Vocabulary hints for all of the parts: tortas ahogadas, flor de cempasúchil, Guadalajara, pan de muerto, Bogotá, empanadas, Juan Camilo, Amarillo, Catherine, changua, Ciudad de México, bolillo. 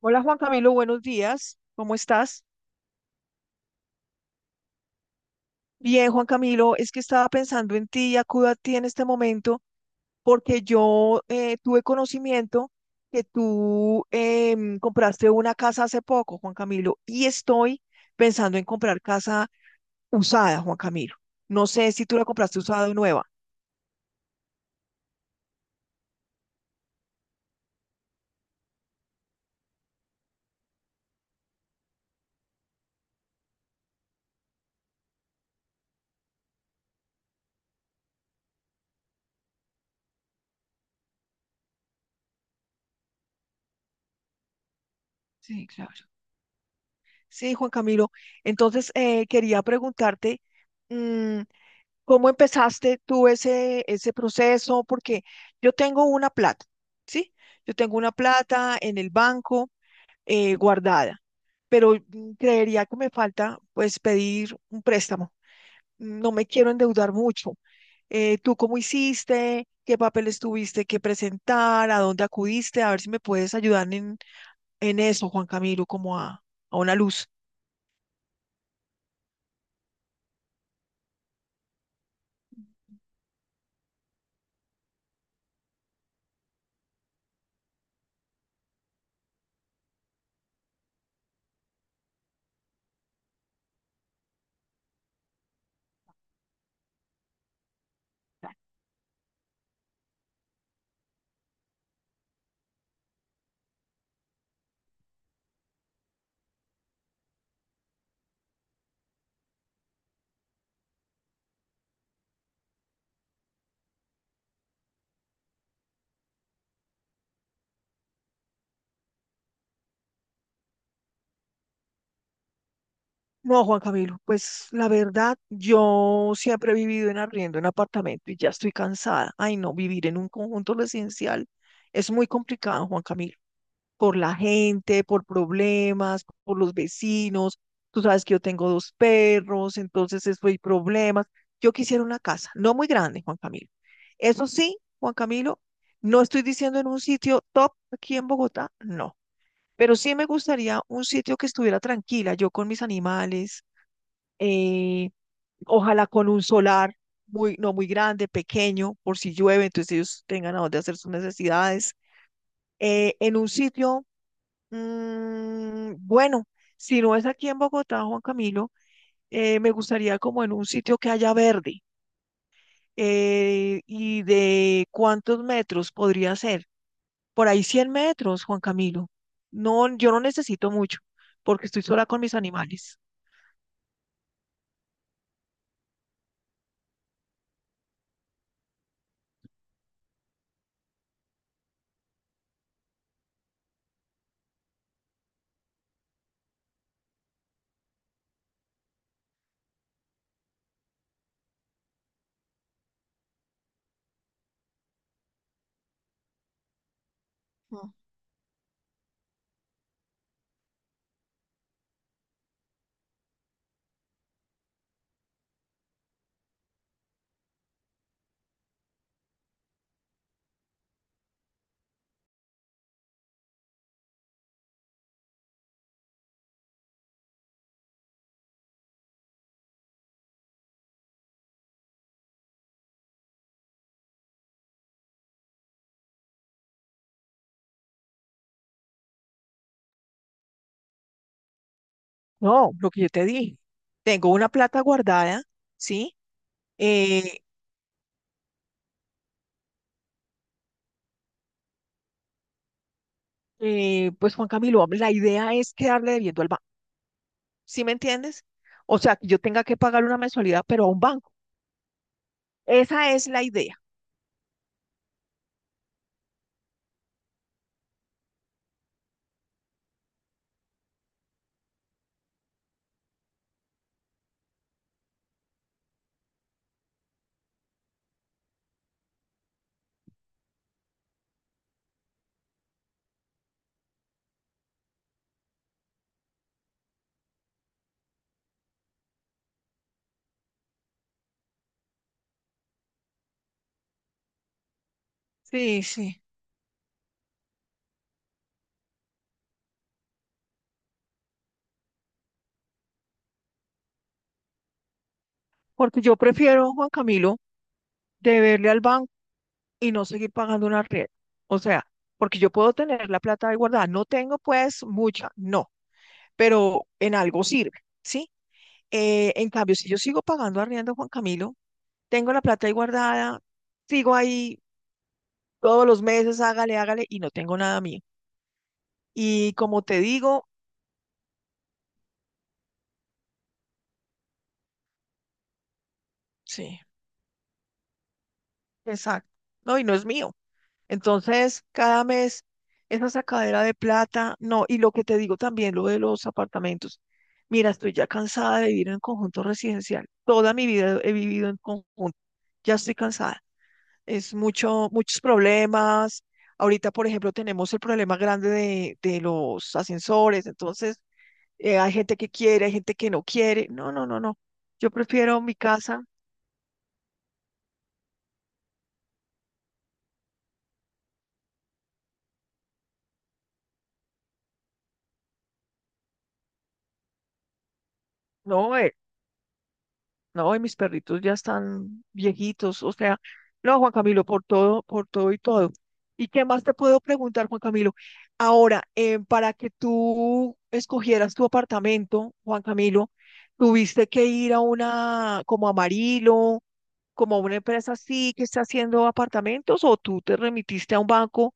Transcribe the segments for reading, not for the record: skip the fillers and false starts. Hola Juan Camilo, buenos días. ¿Cómo estás? Bien, Juan Camilo, es que estaba pensando en ti y acudo a ti en este momento porque yo tuve conocimiento que tú compraste una casa hace poco, Juan Camilo, y estoy pensando en comprar casa usada, Juan Camilo. No sé si tú la compraste usada o nueva. Sí, claro. Sí, Juan Camilo. Entonces, quería preguntarte, mm, ¿cómo empezaste tú ese proceso? Porque yo tengo una plata, ¿sí? Yo tengo una plata en el banco guardada, pero creería que me falta, pues, pedir un préstamo. No me quiero endeudar mucho. ¿Tú cómo hiciste? ¿Qué papeles tuviste que presentar? ¿A dónde acudiste? A ver si me puedes ayudar en eso, Juan Camilo, como a una luz. No, Juan Camilo, pues la verdad, yo siempre he vivido en arriendo en apartamento y ya estoy cansada. Ay, no, vivir en un conjunto residencial es muy complicado, Juan Camilo, por la gente, por problemas, por los vecinos. Tú sabes que yo tengo 2 perros, entonces eso hay problemas. Yo quisiera una casa, no muy grande, Juan Camilo. Eso sí, Juan Camilo, no estoy diciendo en un sitio top aquí en Bogotá, no. Pero sí me gustaría un sitio que estuviera tranquila, yo con mis animales eh, ojalá con un solar muy, no muy grande, pequeño, por si llueve, entonces ellos tengan a dónde hacer sus necesidades. En un sitio, bueno, si no es aquí en Bogotá, Juan Camilo, me gustaría como en un sitio que haya verde. ¿Y de cuántos metros podría ser? Por ahí 100 metros, Juan Camilo. No, yo no necesito mucho porque estoy sola con mis animales. No, lo que yo te dije, tengo una plata guardada, ¿sí? Eh, pues Juan Camilo, la idea es quedarle debiendo al banco, ¿sí me entiendes? O sea, que yo tenga que pagar una mensualidad, pero a un banco. Esa es la idea. Sí, sí. Porque yo prefiero, Juan Camilo, deberle al banco y no seguir pagando una red. O sea, porque yo puedo tener la plata ahí guardada, no tengo pues mucha, no, pero en algo sirve, ¿sí? En cambio, si yo sigo pagando arriendo, Juan Camilo, tengo la plata ahí guardada, sigo ahí todos los meses, hágale, hágale, y no tengo nada mío. Y como te digo, sí, exacto, no, y no es mío. Entonces, cada mes, esa sacadera de plata, no, y lo que te digo también, lo de los apartamentos. Mira, estoy ya cansada de vivir en conjunto residencial. Toda mi vida he vivido en conjunto. Ya estoy cansada. Es mucho, muchos problemas. Ahorita, por ejemplo, tenemos el problema grande de los ascensores. Entonces, hay gente que quiere, hay gente que no quiere. No, no, no, no. Yo prefiero mi casa. No, no, y mis perritos ya están viejitos. O sea, no, Juan Camilo, por todo y todo. ¿Y qué más te puedo preguntar, Juan Camilo? Ahora, para que tú escogieras tu apartamento, Juan Camilo, tuviste que ir a una, como Amarillo, como a una empresa así que está haciendo apartamentos, o tú te remitiste a un banco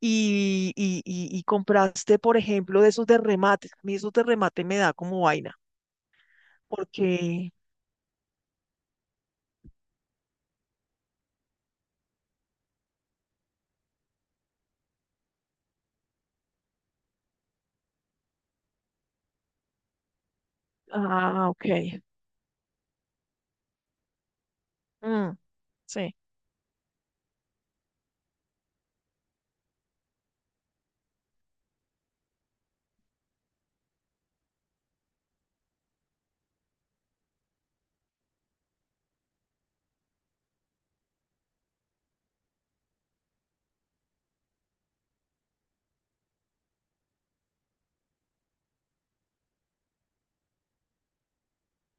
y compraste, por ejemplo, de esos de remate. A mí esos de remate me da como vaina, porque, ah, ok, mm, sí,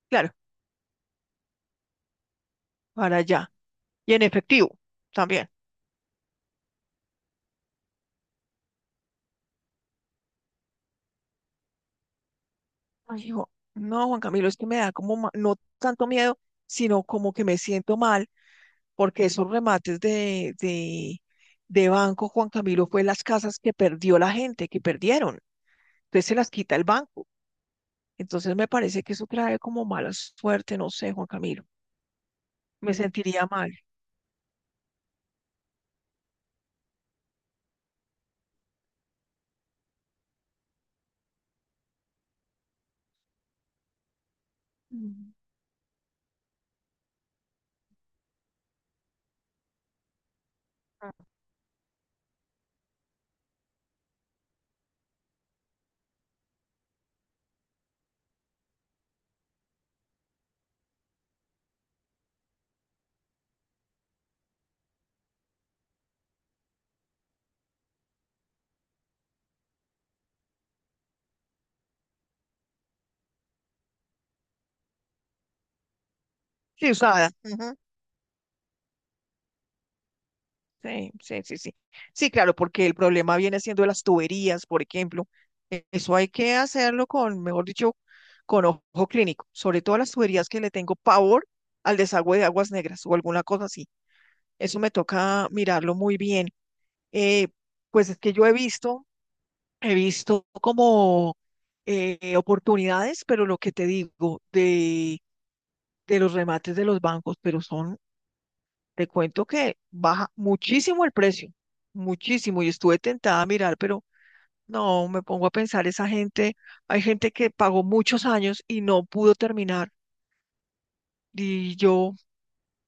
claro, para allá. Y en efectivo, también. Ay, hijo, no, Juan Camilo, es que me da como, no tanto miedo, sino como que me siento mal, porque esos remates de banco, Juan Camilo, fue las casas que perdió la gente, que perdieron. Entonces se las quita el banco. Entonces me parece que eso trae como mala suerte, no sé, Juan Camilo. Me sentiría mal. Mm. Sí, usada. Ujú. Sí, sí, sí, sí. Sí, claro, porque el problema viene siendo las tuberías, por ejemplo. Eso hay que hacerlo con, mejor dicho, con ojo clínico, sobre todo las tuberías que le tengo pavor al desagüe de aguas negras o alguna cosa así. Eso me toca mirarlo muy bien. Eh, pues es que he visto como oportunidades, pero lo que te digo de los remates de los bancos, pero son, te cuento que baja muchísimo el precio, muchísimo, y estuve tentada a mirar, pero no, me pongo a pensar, esa gente, hay gente que pagó muchos años y no pudo terminar, y yo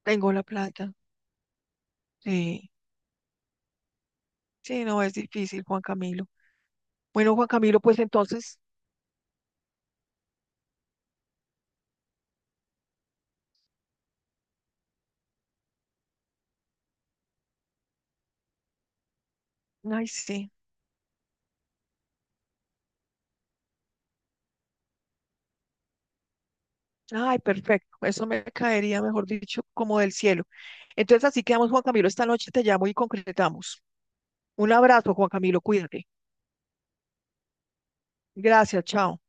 tengo la plata, sí, sí, no, es difícil, Juan Camilo. Bueno, Juan Camilo, pues entonces, ay, sí, ay, perfecto, eso me caería, mejor dicho, como del cielo. Entonces así quedamos, Juan Camilo, esta noche te llamo y concretamos. Un abrazo, Juan Camilo, cuídate. Gracias, chao.